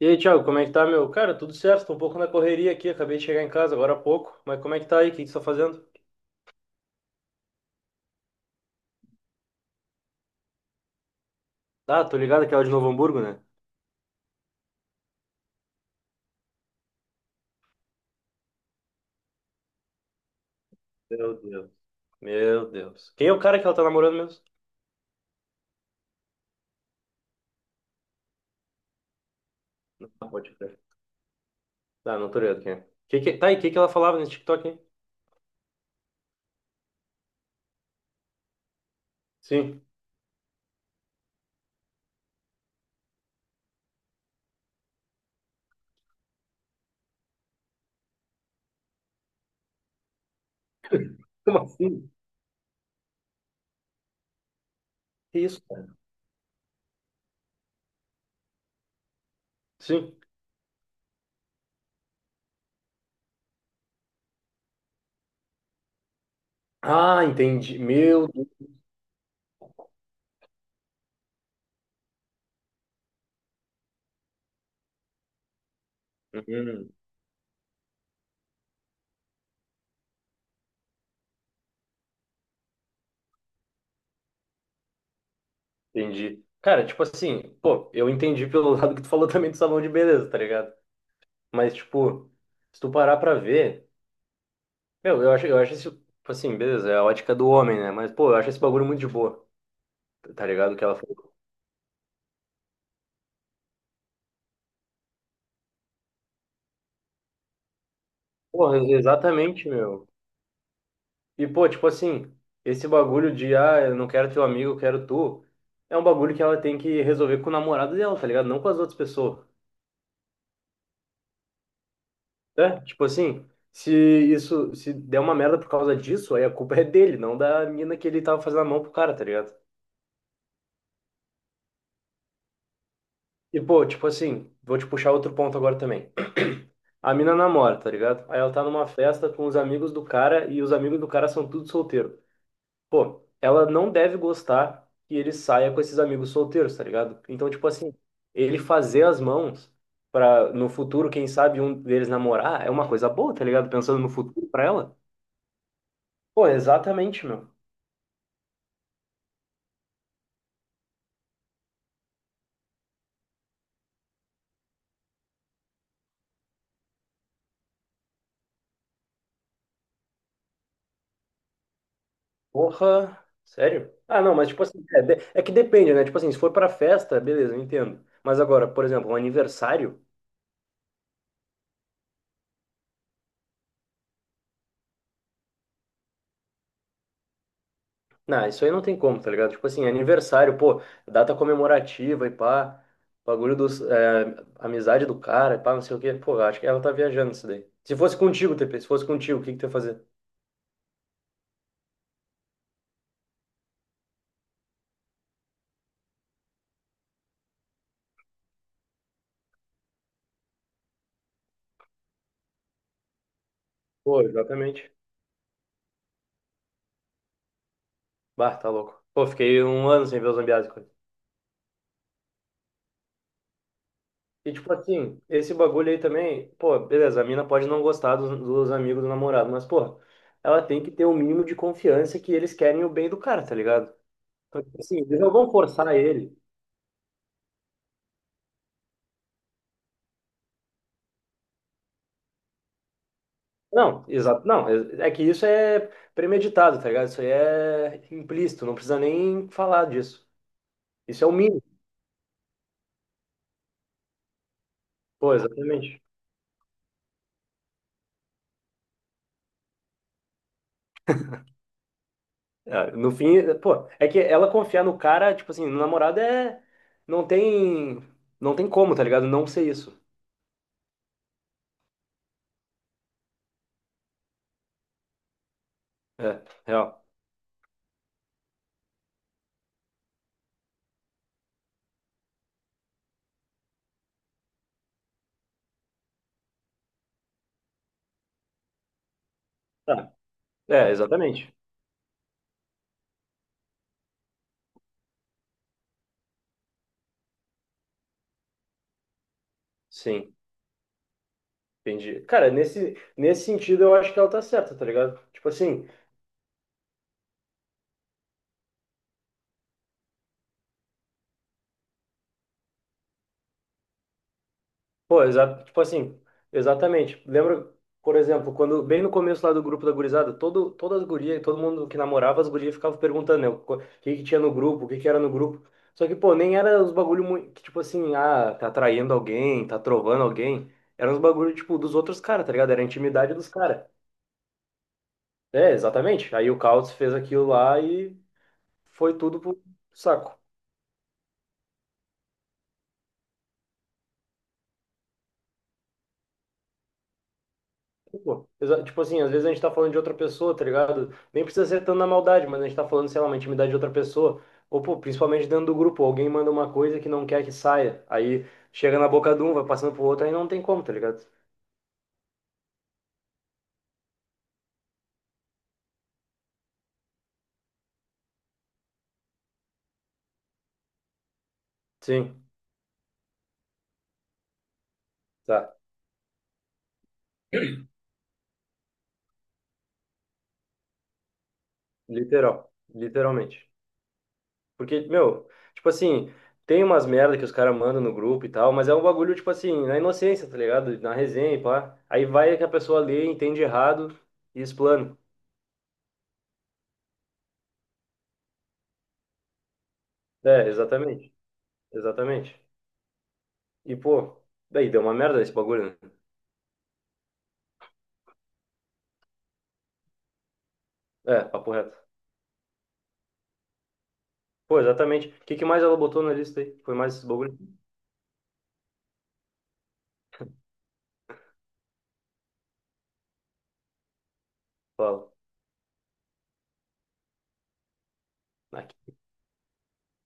E aí, Thiago, como é que tá, meu? Cara, tudo certo, tô um pouco na correria aqui, acabei de chegar em casa agora há pouco, mas como é que tá aí? O que que você tá fazendo? Ah, tô ligado que ela é de Novo Hamburgo, né? Meu Deus. Meu Deus. Quem é o cara que ela tá namorando mesmo? Não pode crer. Ah, não tô ligado quem é. Que... Tá, e o que que ela falava nesse TikTok, hein? Sim. Como assim? Que isso, cara? Sim. Ah, entendi. Meu Deus. Uhum, entendi. Cara, tipo assim, pô, eu entendi pelo lado que tu falou também do salão de beleza, tá ligado? Mas, tipo, se tu parar pra ver. Meu, eu acho isso, tipo assim, beleza, é a ótica do homem, né? Mas, pô, eu acho esse bagulho muito de boa, tá ligado? O que ela falou. Pô, exatamente, meu. E, pô, tipo assim, esse bagulho de, ah, eu não quero teu amigo, eu quero tu, é um bagulho que ela tem que resolver com o namorado dela, tá ligado? Não com as outras pessoas. É, tipo assim, se isso, se der uma merda por causa disso, aí a culpa é dele, não da mina que ele tava fazendo a mão pro cara, tá ligado? E, pô, tipo assim, vou te puxar outro ponto agora também. A mina namora, tá ligado? Aí ela tá numa festa com os amigos do cara e os amigos do cara são tudo solteiro. Pô, ela não deve gostar que ele saia com esses amigos solteiros, tá ligado? Então, tipo assim, ele fazer as mãos pra no futuro, quem sabe um deles namorar, é uma coisa boa, tá ligado? Pensando no futuro pra ela. Pô, exatamente, meu. Porra, sério? Ah, não, mas tipo assim, é, de- é que depende, né? Tipo assim, se for pra festa, beleza, eu entendo. Mas agora, por exemplo, um aniversário, não, isso aí não tem como, tá ligado? Tipo assim, aniversário, pô, data comemorativa e pá, bagulho dos, é, amizade do cara e pá, não sei o quê. Pô, eu acho que ela tá viajando isso daí. Se fosse contigo, TP, se fosse contigo, o que que tu ia fazer? Pô, exatamente. Bah, tá louco. Pô, fiquei um ano sem ver o Zambiase. E tipo assim, esse bagulho aí também, pô, beleza, a mina pode não gostar dos amigos do namorado, mas, pô, ela tem que ter o mínimo de confiança que eles querem o bem do cara, tá ligado? Então, tipo assim, eles não vão forçar ele. Não, exato, não, é que isso é premeditado, tá ligado? Isso aí é implícito, não precisa nem falar disso. Isso é o mínimo. Pô, exatamente. É, no fim, pô, é que ela confiar no cara, tipo assim, no namorado é. Não tem. Não tem como, tá ligado? Não ser isso. É, real. É, exatamente. Sim, entendi. Cara, nesse sentido eu acho que ela tá certa, tá ligado? Tipo assim, pô, exatamente. Lembra, por exemplo, quando bem no começo lá do grupo da gurizada, todas as gurias, todo mundo que namorava as gurias ficava perguntando, né, o que que tinha no grupo, o que que era no grupo. Só que, pô, nem era os bagulho muito, que, tipo assim, ah, tá traindo alguém, tá trovando alguém. Eram os bagulho, tipo, dos outros caras, tá ligado? Era a intimidade dos caras. É, exatamente. Aí o Caos fez aquilo lá e foi tudo pro saco. Pô, tipo assim, às vezes a gente tá falando de outra pessoa, tá ligado? Nem precisa ser tanto na maldade, mas a gente tá falando, sei lá, uma intimidade de outra pessoa. Ou, pô, principalmente dentro do grupo, alguém manda uma coisa que não quer que saia. Aí chega na boca de um, vai passando pro outro, aí não tem como, tá ligado? Sim, tá. Literal. Literalmente. Porque, meu, tipo assim, tem umas merda que os caras mandam no grupo e tal, mas é um bagulho, tipo assim, na inocência, tá ligado? Na resenha e pá. Aí vai que a pessoa lê, entende errado e explana. É, exatamente. Exatamente. E, pô, daí deu uma merda esse bagulho, né? É, papo reto. Pô, exatamente. O que que mais ela botou na lista aí? Foi mais esses bagulho? Fala. Ah,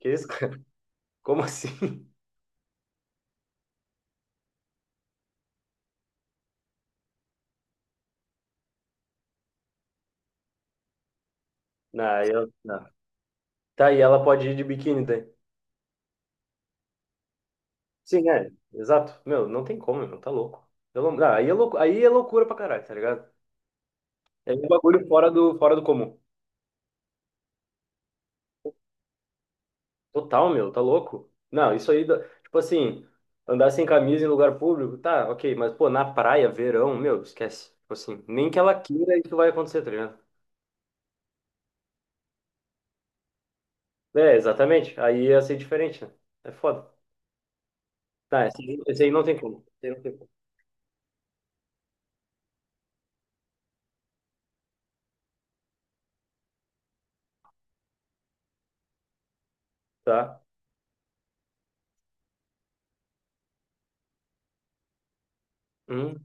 que isso, cara? Como assim? Não, aí ela... não. Tá, e ela pode ir de biquíni daí. Sim, é. Exato. Meu, não tem como, meu. Tá louco. Eu não- ah, aí é louco, aí é loucura pra caralho, tá ligado? É um bagulho fora do comum. Total, meu, tá louco? Não, isso aí, tipo assim, andar sem camisa em lugar público, tá, ok, mas pô, na praia, verão, meu, esquece. Tipo assim, nem que ela queira, isso vai acontecer, tá ligado? É, exatamente. Aí ia ser diferente, né? É foda. Tá, esse aí não tem como. Esse aí não tem como. Tá? Hum,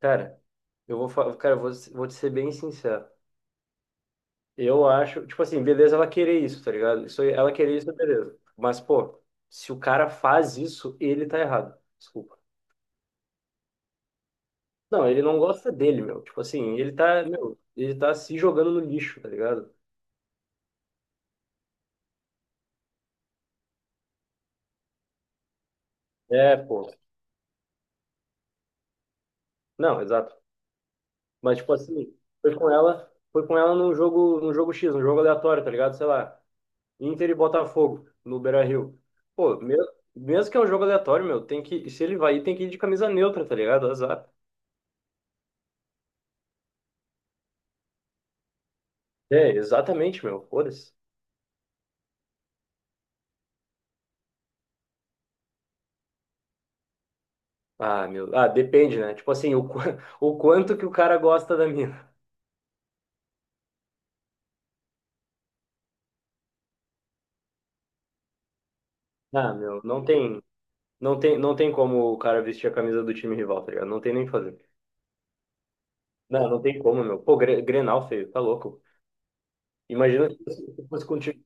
cara, cara, vou te ser bem sincero. Eu acho, tipo assim, beleza ela querer isso, tá ligado? Isso, ela querer isso, beleza. Mas, pô, se o cara faz isso, ele tá errado. Desculpa. Não, ele não gosta dele, meu. Tipo assim, ele tá, meu, ele tá se jogando no lixo, tá ligado? É, pô. Não, exato. Mas, tipo assim, foi com ela num jogo X, num jogo aleatório, tá ligado? Sei lá, Inter e Botafogo, no Beira-Rio. Pô, me- mesmo que é um jogo aleatório, meu, tem que, se ele vai ir, tem que ir de camisa neutra, tá ligado? Azar. É, exatamente, meu. Foda-se. Ah, meu. Ah, depende, né? Tipo assim, o quanto que o cara gosta da mina. Ah, meu, não tem. Não tem como o cara vestir a camisa do time rival, tá ligado? Não tem nem o que fazer. Não, não tem como, meu. Pô, Grenal, feio, tá louco. Imagina se fosse contigo.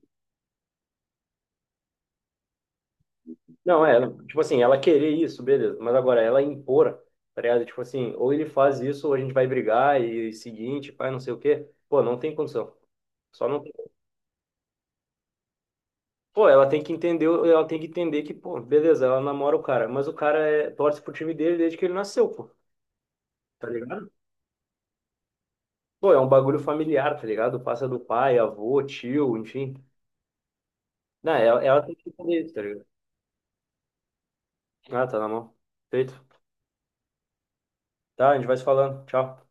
Não, é, tipo assim, ela querer isso, beleza. Mas agora, ela impor, tá ligado? Tipo assim, ou ele faz isso, ou a gente vai brigar e seguinte, pai, não sei o quê. Pô, não tem condição. Só não. Pô, ela tem que entender que, pô, beleza, ela namora o cara, mas o cara é, torce pro time dele desde que ele nasceu, pô, tá ligado? Pô, é um bagulho familiar, tá ligado? Passa do pai, avô, tio, enfim. Não, ela tem que fazer isso, tá ligado? Ah, tá na mão. Feito. Tá, a gente vai se falando. Tchau.